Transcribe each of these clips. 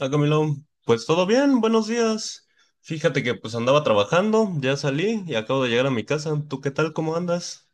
Ah, Camilo, pues todo bien, buenos días. Fíjate que pues andaba trabajando, ya salí y acabo de llegar a mi casa. ¿Tú qué tal? ¿Cómo andas?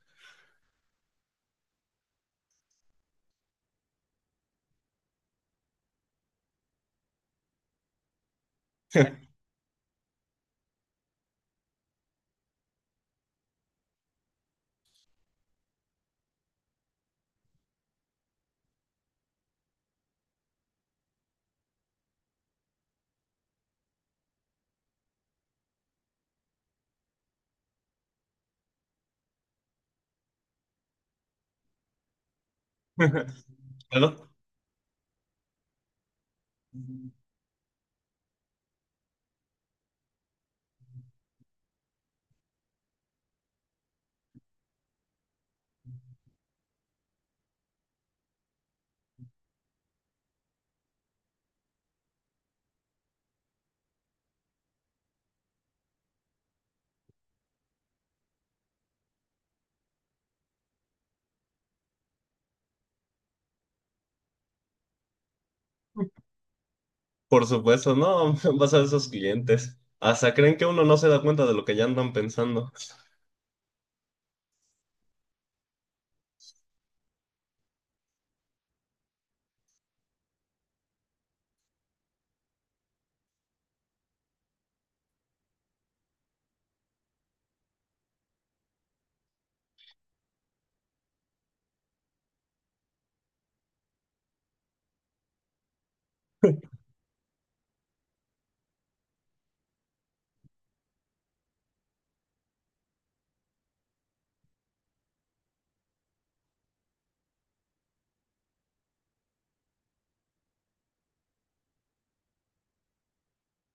Claro, por supuesto, no, vas a ver esos clientes. Hasta creen que uno no se da cuenta de lo que ya andan pensando.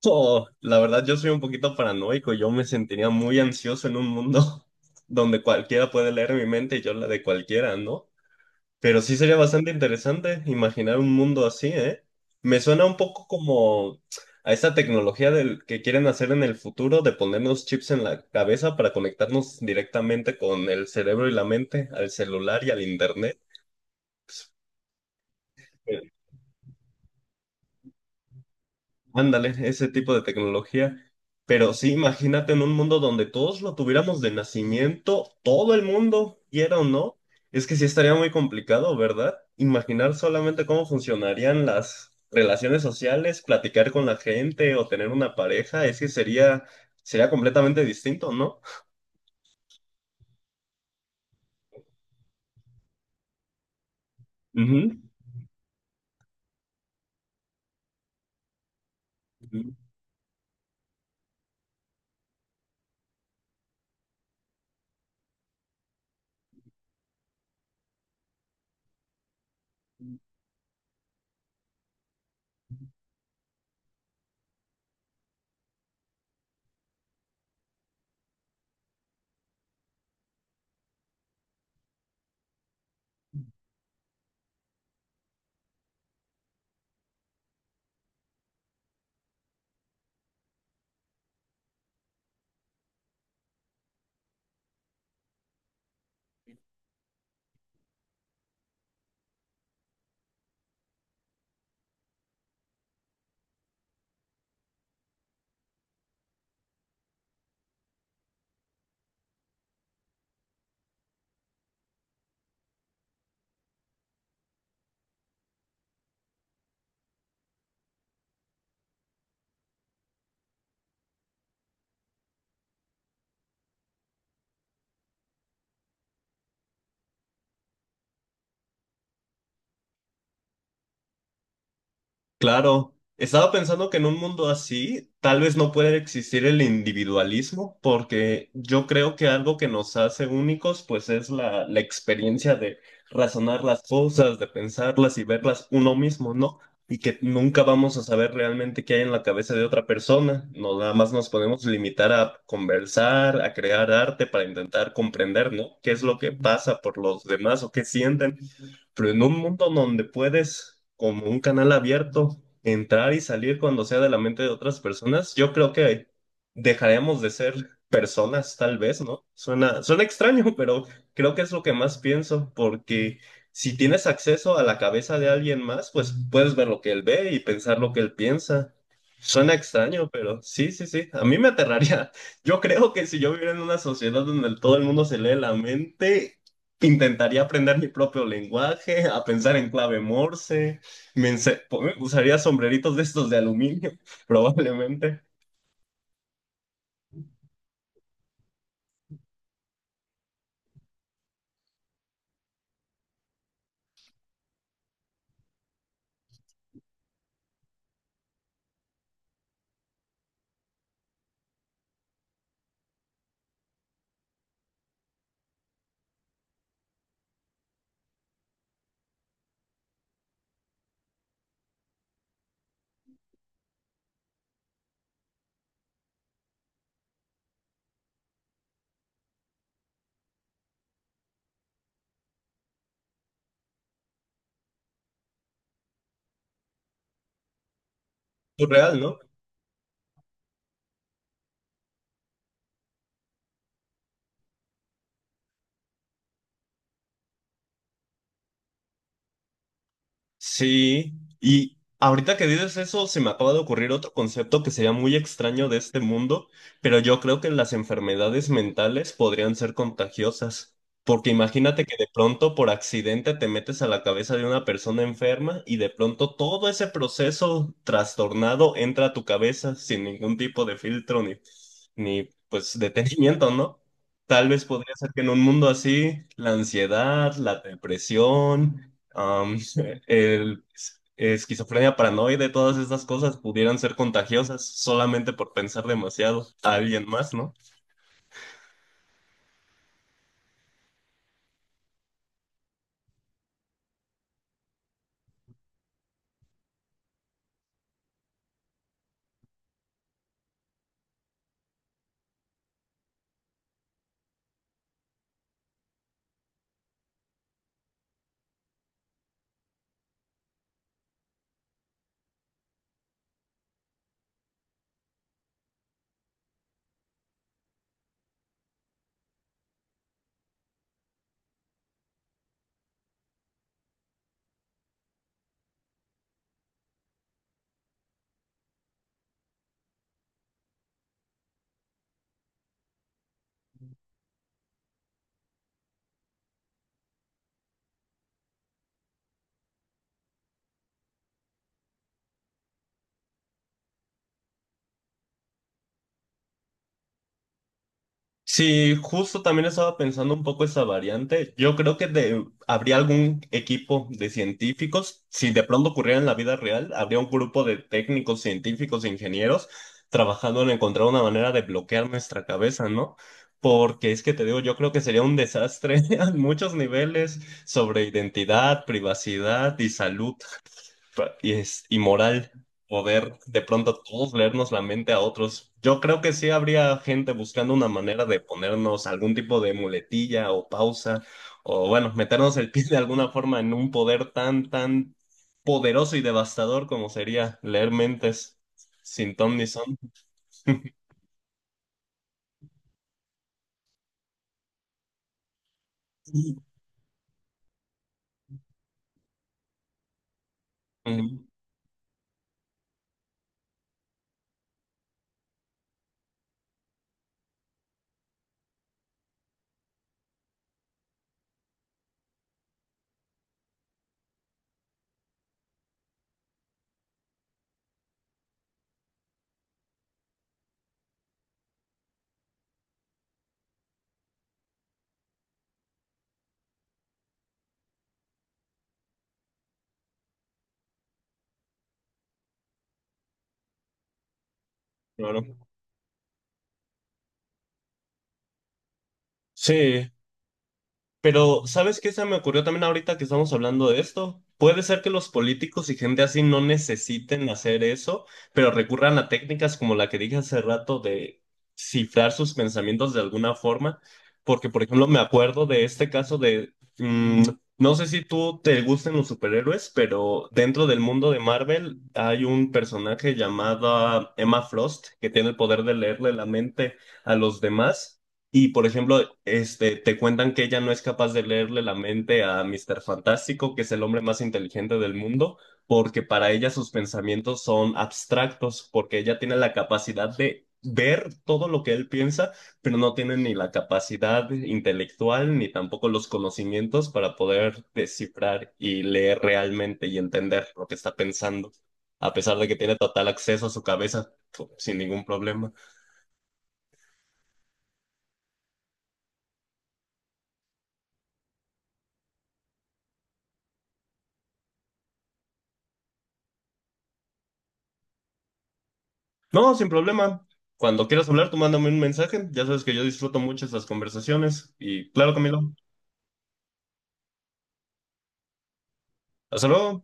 Oh, la verdad, yo soy un poquito paranoico. Yo me sentiría muy ansioso en un mundo donde cualquiera puede leer mi mente y yo la de cualquiera, ¿no? Pero sí sería bastante interesante imaginar un mundo así, ¿eh? Me suena un poco como a esa tecnología del que quieren hacer en el futuro de ponernos chips en la cabeza para conectarnos directamente con el cerebro y la mente, al celular y al internet. Ándale, ese tipo de tecnología. Pero sí, imagínate en un mundo donde todos lo tuviéramos de nacimiento, todo el mundo, quiera o no. Es que sí estaría muy complicado, ¿verdad? Imaginar solamente cómo funcionarían las relaciones sociales, platicar con la gente o tener una pareja, es que sería, sería completamente distinto, ¿no? Ujú. Claro, estaba pensando que en un mundo así tal vez no puede existir el individualismo, porque yo creo que algo que nos hace únicos pues es la experiencia de razonar las cosas, de pensarlas y verlas uno mismo, ¿no? Y que nunca vamos a saber realmente qué hay en la cabeza de otra persona, no, nada más nos podemos limitar a conversar, a crear arte para intentar comprender, ¿no? ¿Qué es lo que pasa por los demás o qué sienten? Pero en un mundo donde puedes, como un canal abierto, entrar y salir cuando sea de la mente de otras personas, yo creo que dejaremos de ser personas, tal vez, ¿no? Suena extraño, pero creo que es lo que más pienso, porque si tienes acceso a la cabeza de alguien más, pues puedes ver lo que él ve y pensar lo que él piensa. Suena extraño, pero sí, sí, sí. A mí me aterraría. Yo creo que si yo viviera en una sociedad donde todo el mundo se lee la mente, intentaría aprender mi propio lenguaje, a pensar en clave Morse, usaría sombreritos de estos de aluminio, probablemente. Surreal, ¿no? Sí, y ahorita que dices eso, se me acaba de ocurrir otro concepto que sería muy extraño de este mundo, pero yo creo que las enfermedades mentales podrían ser contagiosas, porque imagínate que de pronto por accidente te metes a la cabeza de una persona enferma y de pronto todo ese proceso trastornado entra a tu cabeza sin ningún tipo de filtro ni pues detenimiento, ¿no? Tal vez podría ser que en un mundo así, la ansiedad, la depresión, el esquizofrenia paranoide, todas estas cosas pudieran ser contagiosas solamente por pensar demasiado a alguien más, ¿no? Sí, justo también estaba pensando un poco esa variante. Yo creo que habría algún equipo de científicos, si de pronto ocurriera en la vida real, habría un grupo de técnicos, científicos e ingenieros trabajando en encontrar una manera de bloquear nuestra cabeza, ¿no? Porque es que te digo, yo creo que sería un desastre a muchos niveles sobre identidad, privacidad y salud, y es inmoral poder de pronto todos leernos la mente a otros. Yo creo que sí habría gente buscando una manera de ponernos algún tipo de muletilla o pausa, o bueno, meternos el pie de alguna forma en un poder tan poderoso y devastador como sería leer mentes sin ton ni son. Ujú. Claro. Sí. Pero, ¿sabes qué se me ocurrió también ahorita que estamos hablando de esto? Puede ser que los políticos y gente así no necesiten hacer eso, pero recurran a técnicas como la que dije hace rato de cifrar sus pensamientos de alguna forma, porque, por ejemplo, me acuerdo de este caso de, mm, no sé si tú te gusten los superhéroes, pero dentro del mundo de Marvel hay un personaje llamado Emma Frost que tiene el poder de leerle la mente a los demás. Y por ejemplo, este, te cuentan que ella no es capaz de leerle la mente a Mister Fantástico, que es el hombre más inteligente del mundo, porque para ella sus pensamientos son abstractos, porque ella tiene la capacidad de ver todo lo que él piensa, pero no tiene ni la capacidad intelectual ni tampoco los conocimientos para poder descifrar y leer realmente y entender lo que está pensando, a pesar de que tiene total acceso a su cabeza sin ningún problema. No, sin problema. Cuando quieras hablar, tú mándame un mensaje. Ya sabes que yo disfruto mucho estas conversaciones. Y claro, Camilo. Hasta luego.